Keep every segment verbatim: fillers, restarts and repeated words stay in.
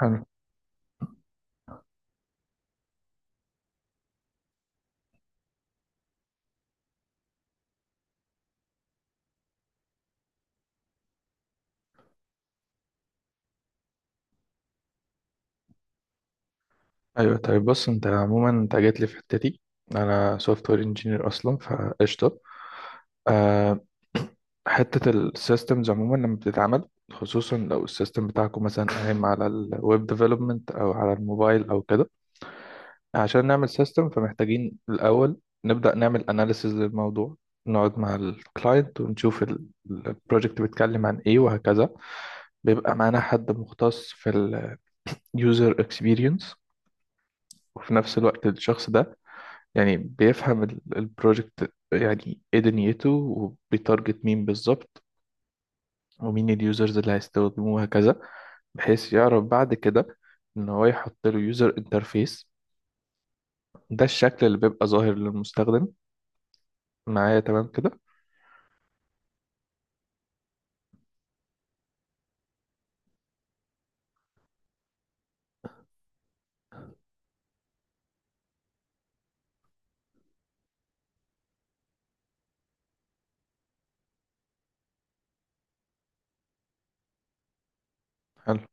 حلو. ايوه، طيب بص، انت عموما انت جيت لي في حتتي. انا سوفت وير انجينير اصلا فقشطه. أه حته السيستمز عموما لما بتتعمل، خصوصا لو السيستم بتاعكم مثلا قايم على الويب ديفلوبمنت او على الموبايل او كده، عشان نعمل سيستم فمحتاجين الاول نبدا نعمل اناليسيز للموضوع. نقعد مع الكلاينت ونشوف البروجكت بيتكلم عن ايه وهكذا. بيبقى معانا حد مختص في اليوزر اكسبيرينس، وفي نفس الوقت الشخص ده يعني بيفهم ال- البروجكت يعني ايه دنيته، وبيتارجت مين بالظبط، ومين اليوزرز اللي هيستخدموه وهكذا، بحيث يعرف بعد كده ان هو يحط له يوزر انترفيس. ده الشكل اللي بيبقى ظاهر للمستخدم. معايا تمام كده؟ حلو.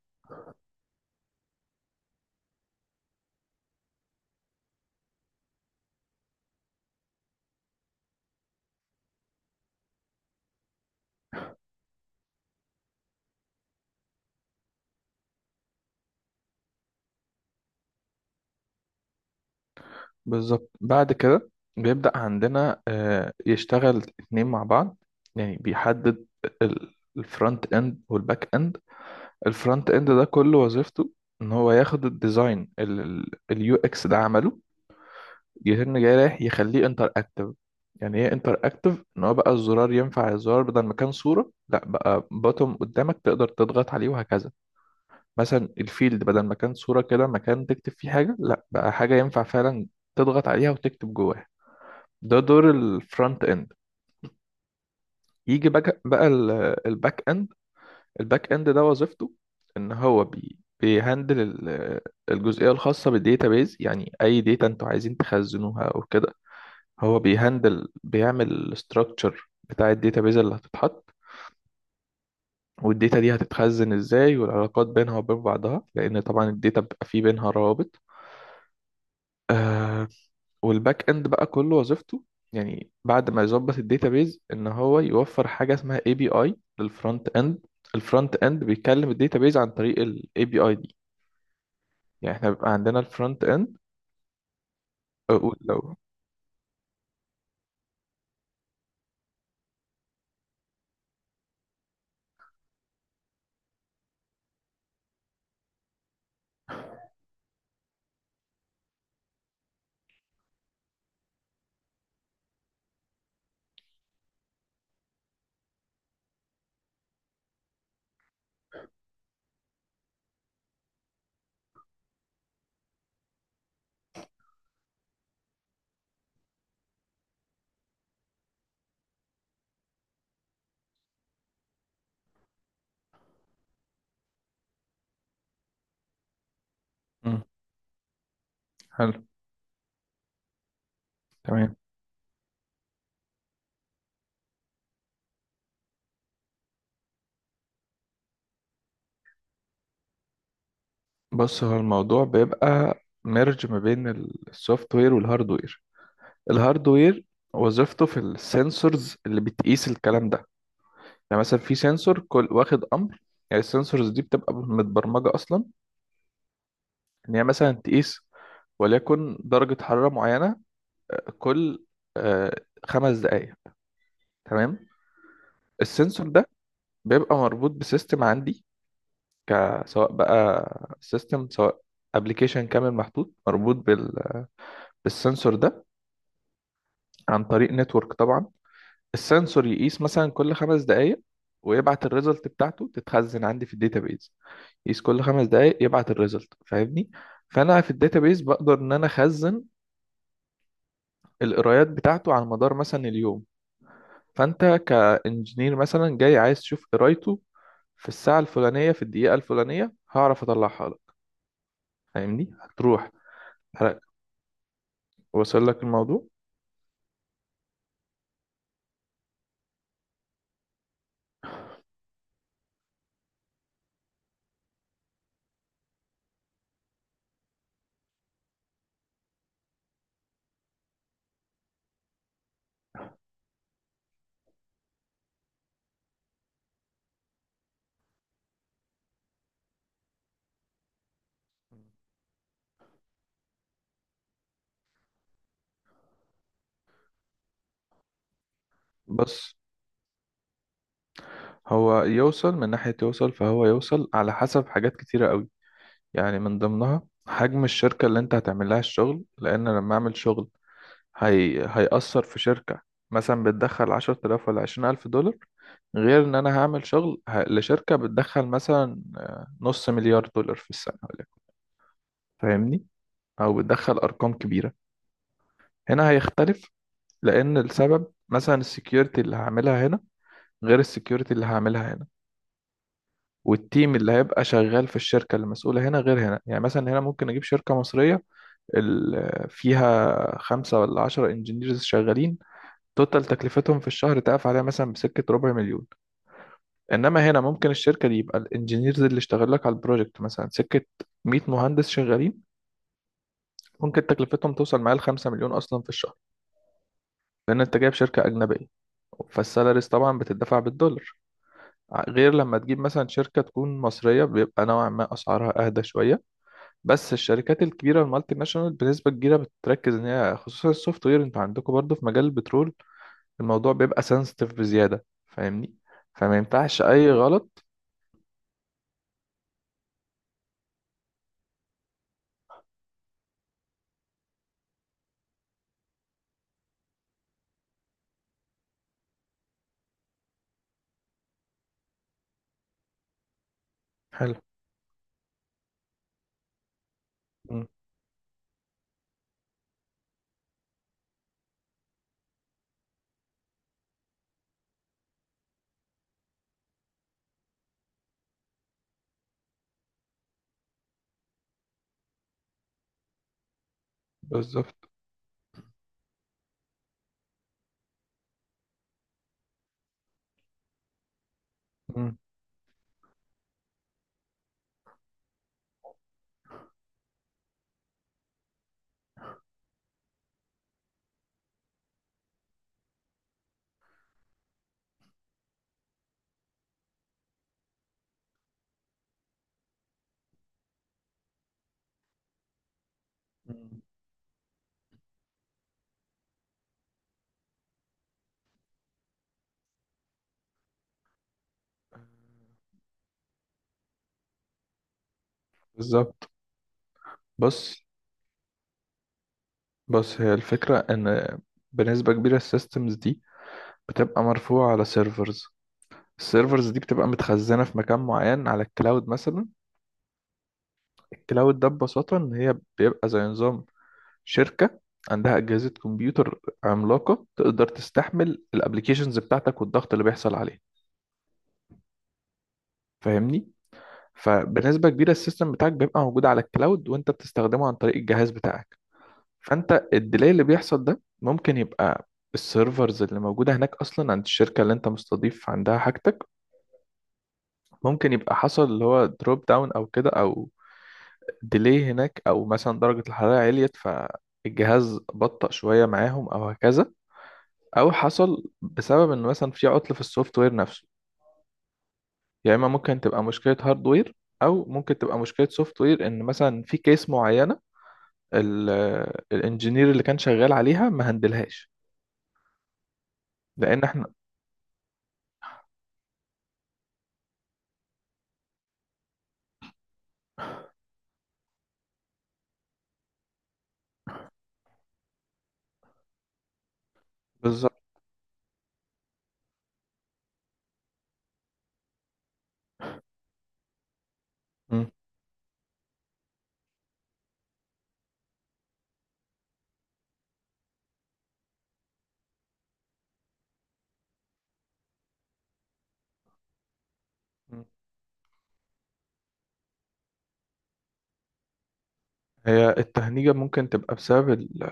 بالظبط. بعد كده بيبدأ عندنا آه، يشتغل اتنين مع بعض. يعني بيحدد الفرونت اند والباك اند. الفرونت اند ده كل وظيفته ان هو ياخد الديزاين، اليو اكس ده عمله، يتم جاي رايح يخليه انتر اكتف. يعني ايه انتر اكتف؟ ان هو بقى الزرار ينفع الزرار، بدل ما كان صورة لا بقى بوتوم قدامك تقدر تضغط عليه وهكذا. مثلا الفيلد، بدل ما كان صورة كده مكان تكتب فيه حاجة، لا بقى حاجة ينفع فعلا تضغط عليها وتكتب جواها. ده دور الفرونت اند. يجي بقى بقى الباك اند. الباك اند ده وظيفته ان هو بي بيهندل ال- الجزئية الخاصة بالديتابيز، يعني اي ديتا انتوا عايزين تخزنوها او كده هو بيهندل، بيعمل الاستراكشر بتاع الداتابيز اللي هتتحط، والداتا دي هتتخزن ازاي، والعلاقات بينها وبين بعضها، لان طبعا الداتا بيبقى فيه بينها روابط. آه. والباك اند بقى كله وظيفته، يعني بعد ما يظبط الداتابيز، ان هو يوفر حاجه اسمها اي بي اي للفرونت اند. الفرونت اند بيكلم الداتابيز عن طريق الاي بي اي دي. يعني احنا بيبقى عندنا الفرونت اند لو مم، حلو، تمام. بص، هو الموضوع بيبقى ميرج ما بين السوفت وير والهارد وير. الهاردوير وظيفته في السنسورز اللي بتقيس الكلام ده. يعني مثلا في سنسور كل واخد امر. يعني السنسورز دي بتبقى متبرمجه اصلا ان هي مثلا تقيس، وليكن درجه حراره معينه، كل آه، خمس دقائق. تمام. السنسور ده بيبقى مربوط بسيستم عندي، ك- سواء بقى سيستم، سواء ابلكيشن كامل محطوط مربوط بال- بالسنسور ده عن طريق نتورك طبعا. السنسور يقيس مثلا كل خمس دقايق، ويبعت الريزلت بتاعته تتخزن عندي في الداتابيز. يقيس كل خمس دقايق، يبعت الريزلت، فاهمني؟ فانا في الداتابيز بقدر ان انا اخزن القرايات بتاعته على مدار مثلا اليوم. فانت كانجينير مثلا جاي عايز تشوف قرايته في الساعه الفلانيه في الدقيقه الفلانيه هعرف اطلعها لك. فاهمني؟ هتروح، وصل لك الموضوع؟ بس هو يوصل، من ناحيه يوصل، فهو يوصل على حسب حاجات كتيره قوي، يعني من ضمنها حجم الشركة اللي انت هتعمل لها الشغل، لأن لما أعمل شغل هي... هيأثر في شركة مثلا بتدخل عشرة آلاف ولا عشرين ألف دولار، غير إن أنا هعمل شغل ه... لشركة بتدخل مثلا آه، نص مليار دولار في السنة ولكن فاهمني؟ أو بتدخل أرقام كبيرة. هنا هيختلف، لأن السبب مثلا السكيورتي اللي هعملها هنا غير السكيورتي اللي هعملها هنا، والتيم اللي هيبقى شغال في الشركة المسؤولة هنا غير هنا. يعني مثلا هنا ممكن أجيب شركة مصرية ال- فيها خمسة ولا عشرة انجينيرز شغالين، توتال تكلفتهم في الشهر تقف عليها مثلا بسكة ربع مليون. انما هنا ممكن الشركة دي يبقى الانجينيرز اللي اشتغل لك على البروجكت مثلا سكة مية مهندس شغالين، ممكن تكلفتهم توصل معايا ل خمسة مليون اصلا في الشهر، لان انت جايب شركة اجنبية، فالسالاريز طبعا بتدفع بالدولار. غير لما تجيب مثلا شركة تكون مصرية بيبقى نوعا ما أسعارها أهدى شوية. بس الشركات الكبيرة المالتي ناشونال بنسبة كبيرة بتركز إن هي، خصوصا السوفت وير، أنتوا عندكم برضو في مجال البترول الموضوع بيبقى سنسيتيف بزيادة، فاهمني؟ فما ينفعش أي غلط. حلو. مم. بالظبط. مم. مم. بالظبط. بص بص هي الفكرة إن بنسبة كبيرة السيستمز دي بتبقى مرفوعة على سيرفرز. السيرفرز دي بتبقى متخزنة في مكان معين على الكلاود مثلا. الكلاود ده ببساطة إن هي بيبقى زي نظام شركة عندها أجهزة كمبيوتر عملاقة تقدر تستحمل الابليكيشنز بتاعتك والضغط اللي بيحصل عليه. فاهمني؟ فبنسبة كبيرة السيستم بتاعك بيبقى موجود على الكلاود وانت بتستخدمه عن طريق الجهاز بتاعك. فانت الديلي اللي بيحصل ده ممكن يبقى السيرفرز اللي موجودة هناك أصلا عند الشركة اللي انت مستضيف عندها حاجتك، ممكن يبقى حصل اللي هو دروب داون أو كده، أو ديلي هناك، أو مثلا درجة الحرارة عليت فالجهاز بطأ شوية معاهم أو هكذا. أو حصل بسبب إن مثلا في عطل في السوفت وير نفسه. يا إما ممكن تبقى مشكلة هاردوير، أو ممكن تبقى مشكلة سوفت وير إن مثلا في كيس معينة ال- الانجينير اللي كان شغال عليها ما هندلهاش. لان احنا بالظبط. مم. مم. هي التهنيجة ممكن تبقى بسبب ال-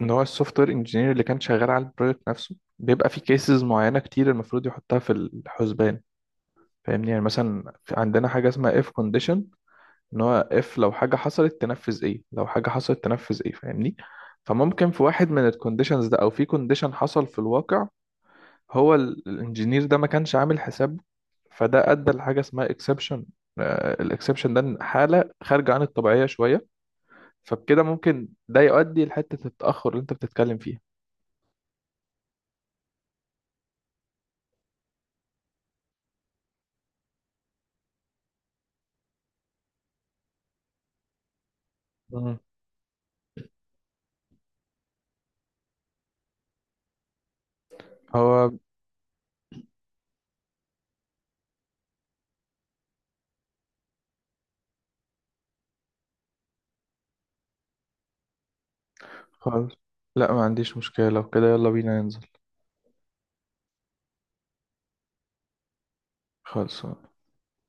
ان هو السوفت وير انجينير اللي كان شغال على البروجكت نفسه بيبقى في كيسز معينة كتير المفروض يحطها في الحسبان. فاهمني؟ يعني مثلا في- عندنا حاجة اسمها اف كونديشن، ان هو اف لو حاجة حصلت تنفذ ايه، لو حاجة حصلت تنفذ ايه، فاهمني؟ فممكن في واحد من الكونديشنز ده، او في كونديشن حصل في الواقع هو ال- الانجينير ده ما كانش عامل حساب، فده ادى لحاجه اسمها اكسبشن. الاكسبشن ده إن حاله خارجه عن الطبيعيه شويه. فبكده ممكن ده يؤدي لحته التاخر اللي انت بتتكلم فيها. مم. هو خلاص. لا ما عنديش مشكله، لو كده يلا بينا ننزل. خلاص.